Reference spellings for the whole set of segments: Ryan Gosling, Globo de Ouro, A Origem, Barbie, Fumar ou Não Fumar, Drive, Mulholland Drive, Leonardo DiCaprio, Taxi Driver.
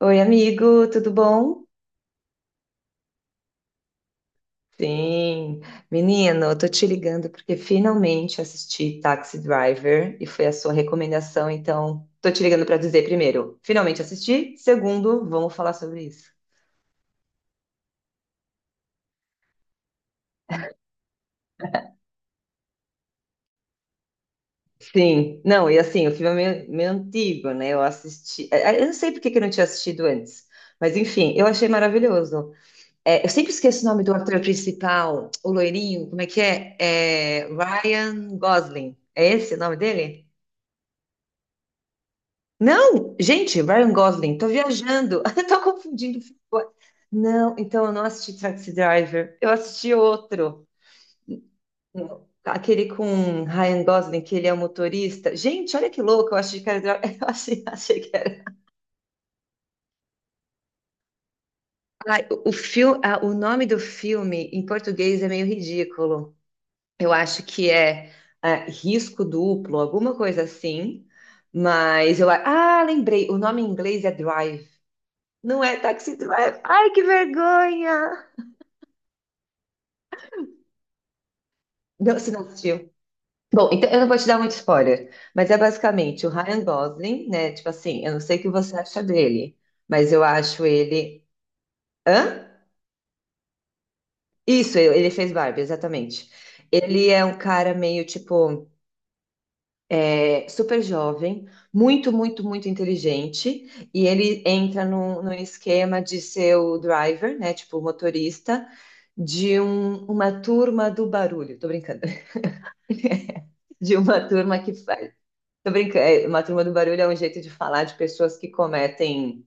Oi, amigo, tudo bom? Sim, menino, eu tô te ligando porque finalmente assisti Taxi Driver e foi a sua recomendação, então tô te ligando pra dizer primeiro, finalmente assisti, segundo, vamos falar sobre isso. Sim, não, e assim, o filme é meio antigo, né? Eu assisti, eu não sei por que que eu não tinha assistido antes, mas enfim, eu achei maravilhoso. É, eu sempre esqueço o nome do ator principal, o loirinho, como é que é? É Ryan Gosling, é esse o nome dele? Não, gente, Ryan Gosling, tô viajando, eu tô confundindo. Não, então eu não assisti Taxi Driver, eu assisti outro, aquele com Ryan Gosling, que ele é o motorista. Gente, olha que louco, eu achei que era, eu achei que era. Ai, o, filme, o nome do filme em português é meio ridículo. Eu acho que é Risco Duplo, alguma coisa assim, mas lembrei, o nome em inglês é Drive. Não é Taxi Driver. Ai, que vergonha! Não, você não assistiu. Bom, então eu não vou te dar muito spoiler, mas é basicamente o Ryan Gosling, né? Tipo assim, eu não sei o que você acha dele, mas eu acho ele. Hã? Isso, ele fez Barbie, exatamente. Ele é um cara meio tipo super jovem, muito inteligente, e ele entra num esquema de ser o driver, né? Tipo, o motorista de uma turma do barulho. Tô brincando. De uma turma que faz. Tô brincando, é, uma turma do barulho é um jeito de falar de pessoas que cometem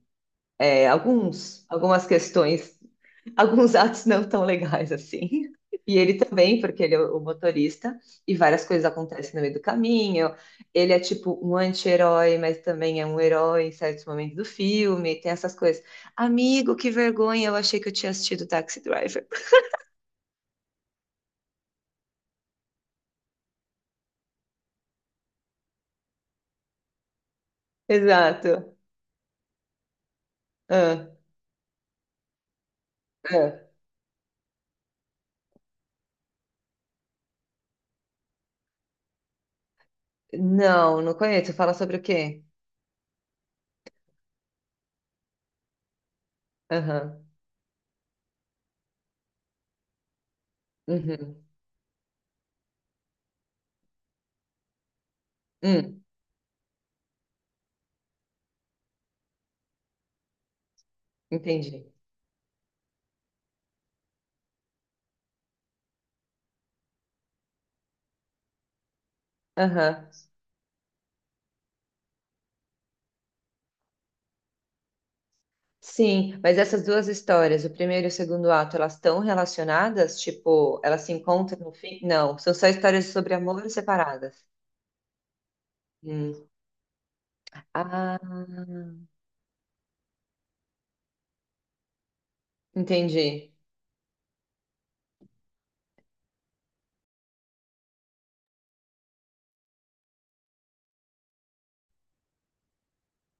algumas questões, alguns atos não tão legais assim. E ele também, porque ele é o motorista, e várias coisas acontecem no meio do caminho. Ele é tipo um anti-herói, mas também é um herói em certos momentos do filme. Tem essas coisas. Amigo, que vergonha, eu achei que eu tinha assistido Taxi Driver. Exato. Ah, ah. Não, não conheço. Fala sobre o quê? Aham. Uhum. Hum, entendi. Aham. Sim, mas essas duas histórias, o primeiro e o segundo ato, elas estão relacionadas? Tipo, elas se encontram no fim? Não, são só histórias sobre amor separadas. Hum. Ah, entendi.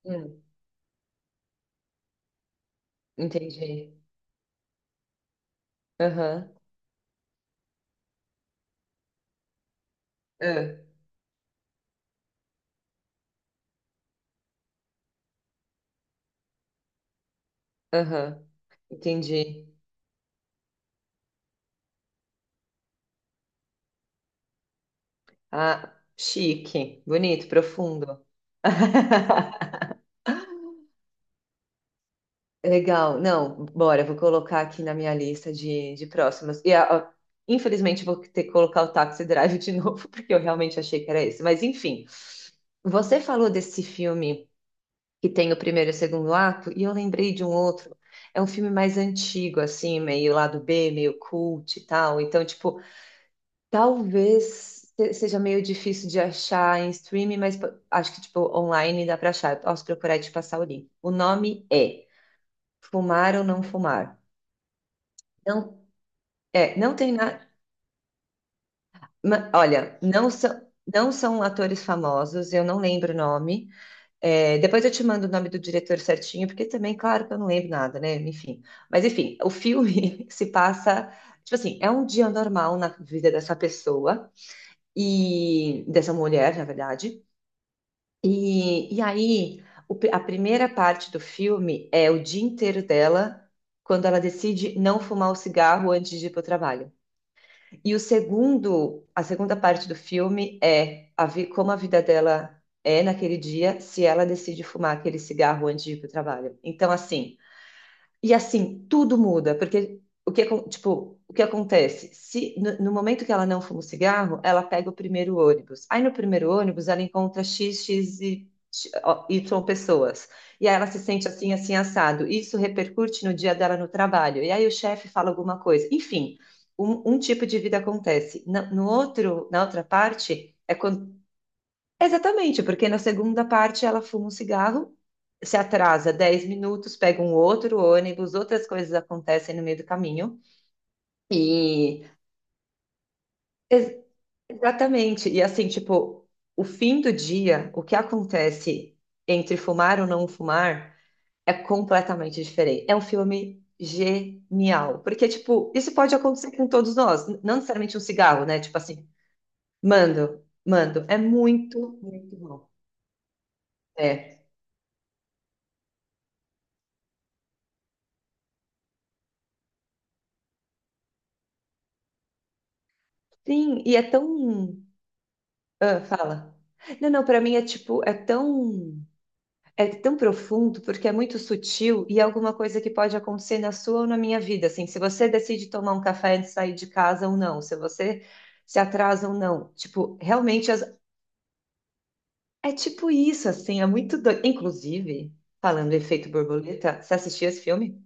Hum, entendi. Aham. Ah, aham. Entendi. Ah, chique, bonito, profundo. Legal, não, bora, vou colocar aqui na minha lista de próximas. E, infelizmente, vou ter que colocar o Taxi Drive de novo, porque eu realmente achei que era esse. Mas, enfim, você falou desse filme que tem o primeiro e o segundo ato, e eu lembrei de um outro. É um filme mais antigo, assim, meio lado B, meio cult e tal. Então, tipo, talvez seja meio difícil de achar em streaming, mas acho que, tipo, online dá pra achar. Eu posso procurar e te passar o link. O nome é Fumar ou Não Fumar. Não, é, não tem nada. Olha, não são, não são atores famosos, eu não lembro o nome. É, depois eu te mando o nome do diretor certinho, porque também, claro que eu não lembro nada, né? Enfim. Mas, enfim, o filme se passa. Tipo assim, é um dia normal na vida dessa pessoa, e dessa mulher, na verdade. E aí, a primeira parte do filme é o dia inteiro dela, quando ela decide não fumar o cigarro antes de ir para o trabalho. E a segunda parte do filme é como a vida dela é naquele dia, se ela decide fumar aquele cigarro antes de ir para o trabalho. Então, assim. E assim, tudo muda, porque o que, tipo, o que acontece? Se no momento que ela não fuma o cigarro, ela pega o primeiro ônibus. Aí no primeiro ônibus ela encontra X, ó, Y pessoas. E aí ela se sente assim, assado. Isso repercute no dia dela no trabalho. E aí o chefe fala alguma coisa. Enfim, um tipo de vida acontece. No outro, na outra parte, é quando. Exatamente, porque na segunda parte ela fuma um cigarro, se atrasa 10 minutos, pega um outro ônibus, outras coisas acontecem no meio do caminho. E ex- exatamente, e assim, tipo, o fim do dia, o que acontece entre fumar ou não fumar é completamente diferente. É um filme genial, porque tipo, isso pode acontecer com todos nós, não necessariamente um cigarro, né? Tipo assim, mando, mando, é muito, muito bom. É. Sim, e é tão. Ah, fala. Não, para mim é tipo, é tão profundo porque é muito sutil e é alguma coisa que pode acontecer na sua ou na minha vida, assim, se você decide tomar um café antes de sair de casa ou não, se você se atrasa ou não. Tipo, realmente é tipo isso, assim, é muito doido. Inclusive, falando do efeito borboleta, você assistiu esse filme?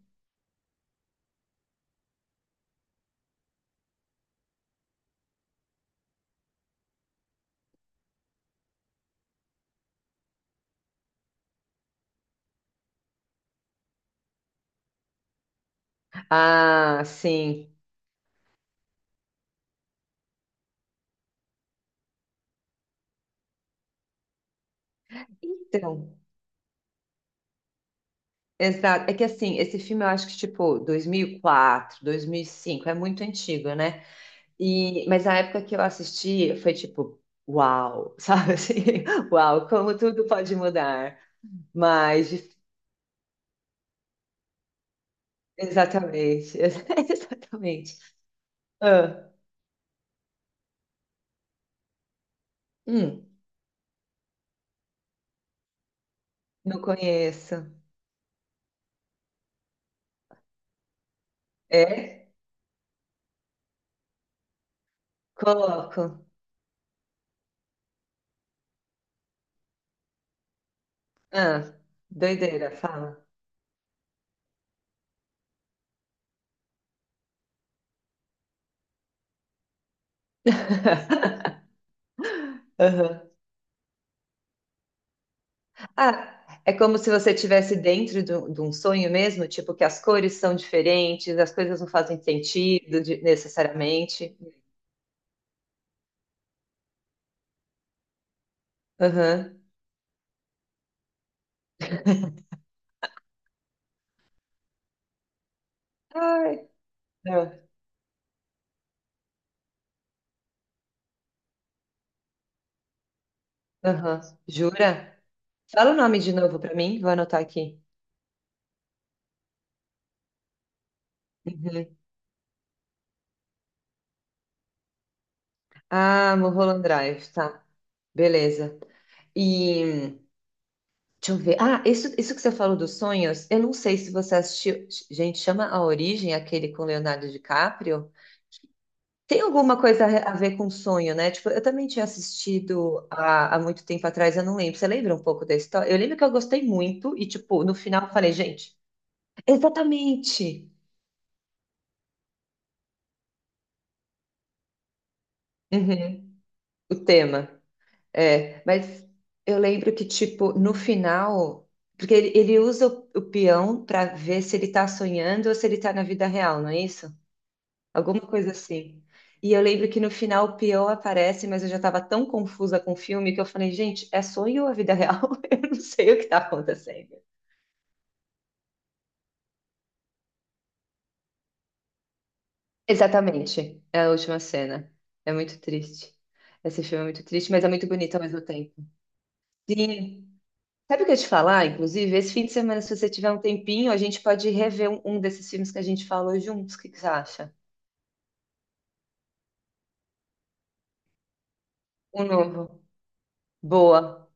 Ah, sim. Então, exato. É que assim, esse filme eu acho que tipo 2004, cinco é muito antigo, né? E, mas a época que eu assisti foi tipo, uau, sabe assim? Uau, como tudo pode mudar. Mas, exatamente, exatamente. Ah, hum, não conheço. É? Coloco. Ah, doideira, fala. Aham. Ah, é como se você estivesse dentro de um sonho mesmo, tipo que as cores são diferentes, as coisas não fazem sentido necessariamente. Aham. Ai, ah, aham. Jura? Fala o nome de novo pra mim, vou anotar aqui. Uhum. Ah, Mulholland Drive, tá. Beleza. E deixa eu ver. Ah, isso que você falou dos sonhos, eu não sei se você assistiu. Gente, chama A Origem, aquele com Leonardo DiCaprio. Tem alguma coisa a ver com sonho, né? Tipo, eu também tinha assistido há muito tempo atrás, eu não lembro. Você lembra um pouco da história? Eu lembro que eu gostei muito e, tipo, no final eu falei, gente, exatamente. Uhum. O tema. É, mas eu lembro que, tipo, no final, porque ele usa o peão para ver se ele tá sonhando ou se ele tá na vida real, não é isso? Alguma coisa assim. E eu lembro que no final o peão aparece, mas eu já tava tão confusa com o filme que eu falei, gente, é sonho ou a vida real? Eu não sei o que tá acontecendo. Exatamente, é a última cena. É muito triste. Esse filme é muito triste, mas é muito bonito ao mesmo tempo. Sim. Sabe o que eu ia te falar? Inclusive, esse fim de semana, se você tiver um tempinho, a gente pode rever um desses filmes que a gente falou juntos. O que que você acha? Um novo. Boa.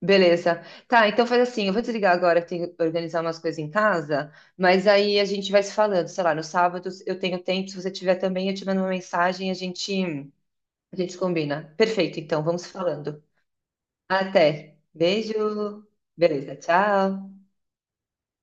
Beleza. Tá, então faz assim, eu vou desligar agora, que tenho que organizar umas coisas em casa, mas aí a gente vai se falando, sei lá, no sábado eu tenho tempo, se você tiver também, eu te mando uma mensagem, a gente combina. Perfeito, então, vamos falando. Até. Beijo. Beleza, tchau.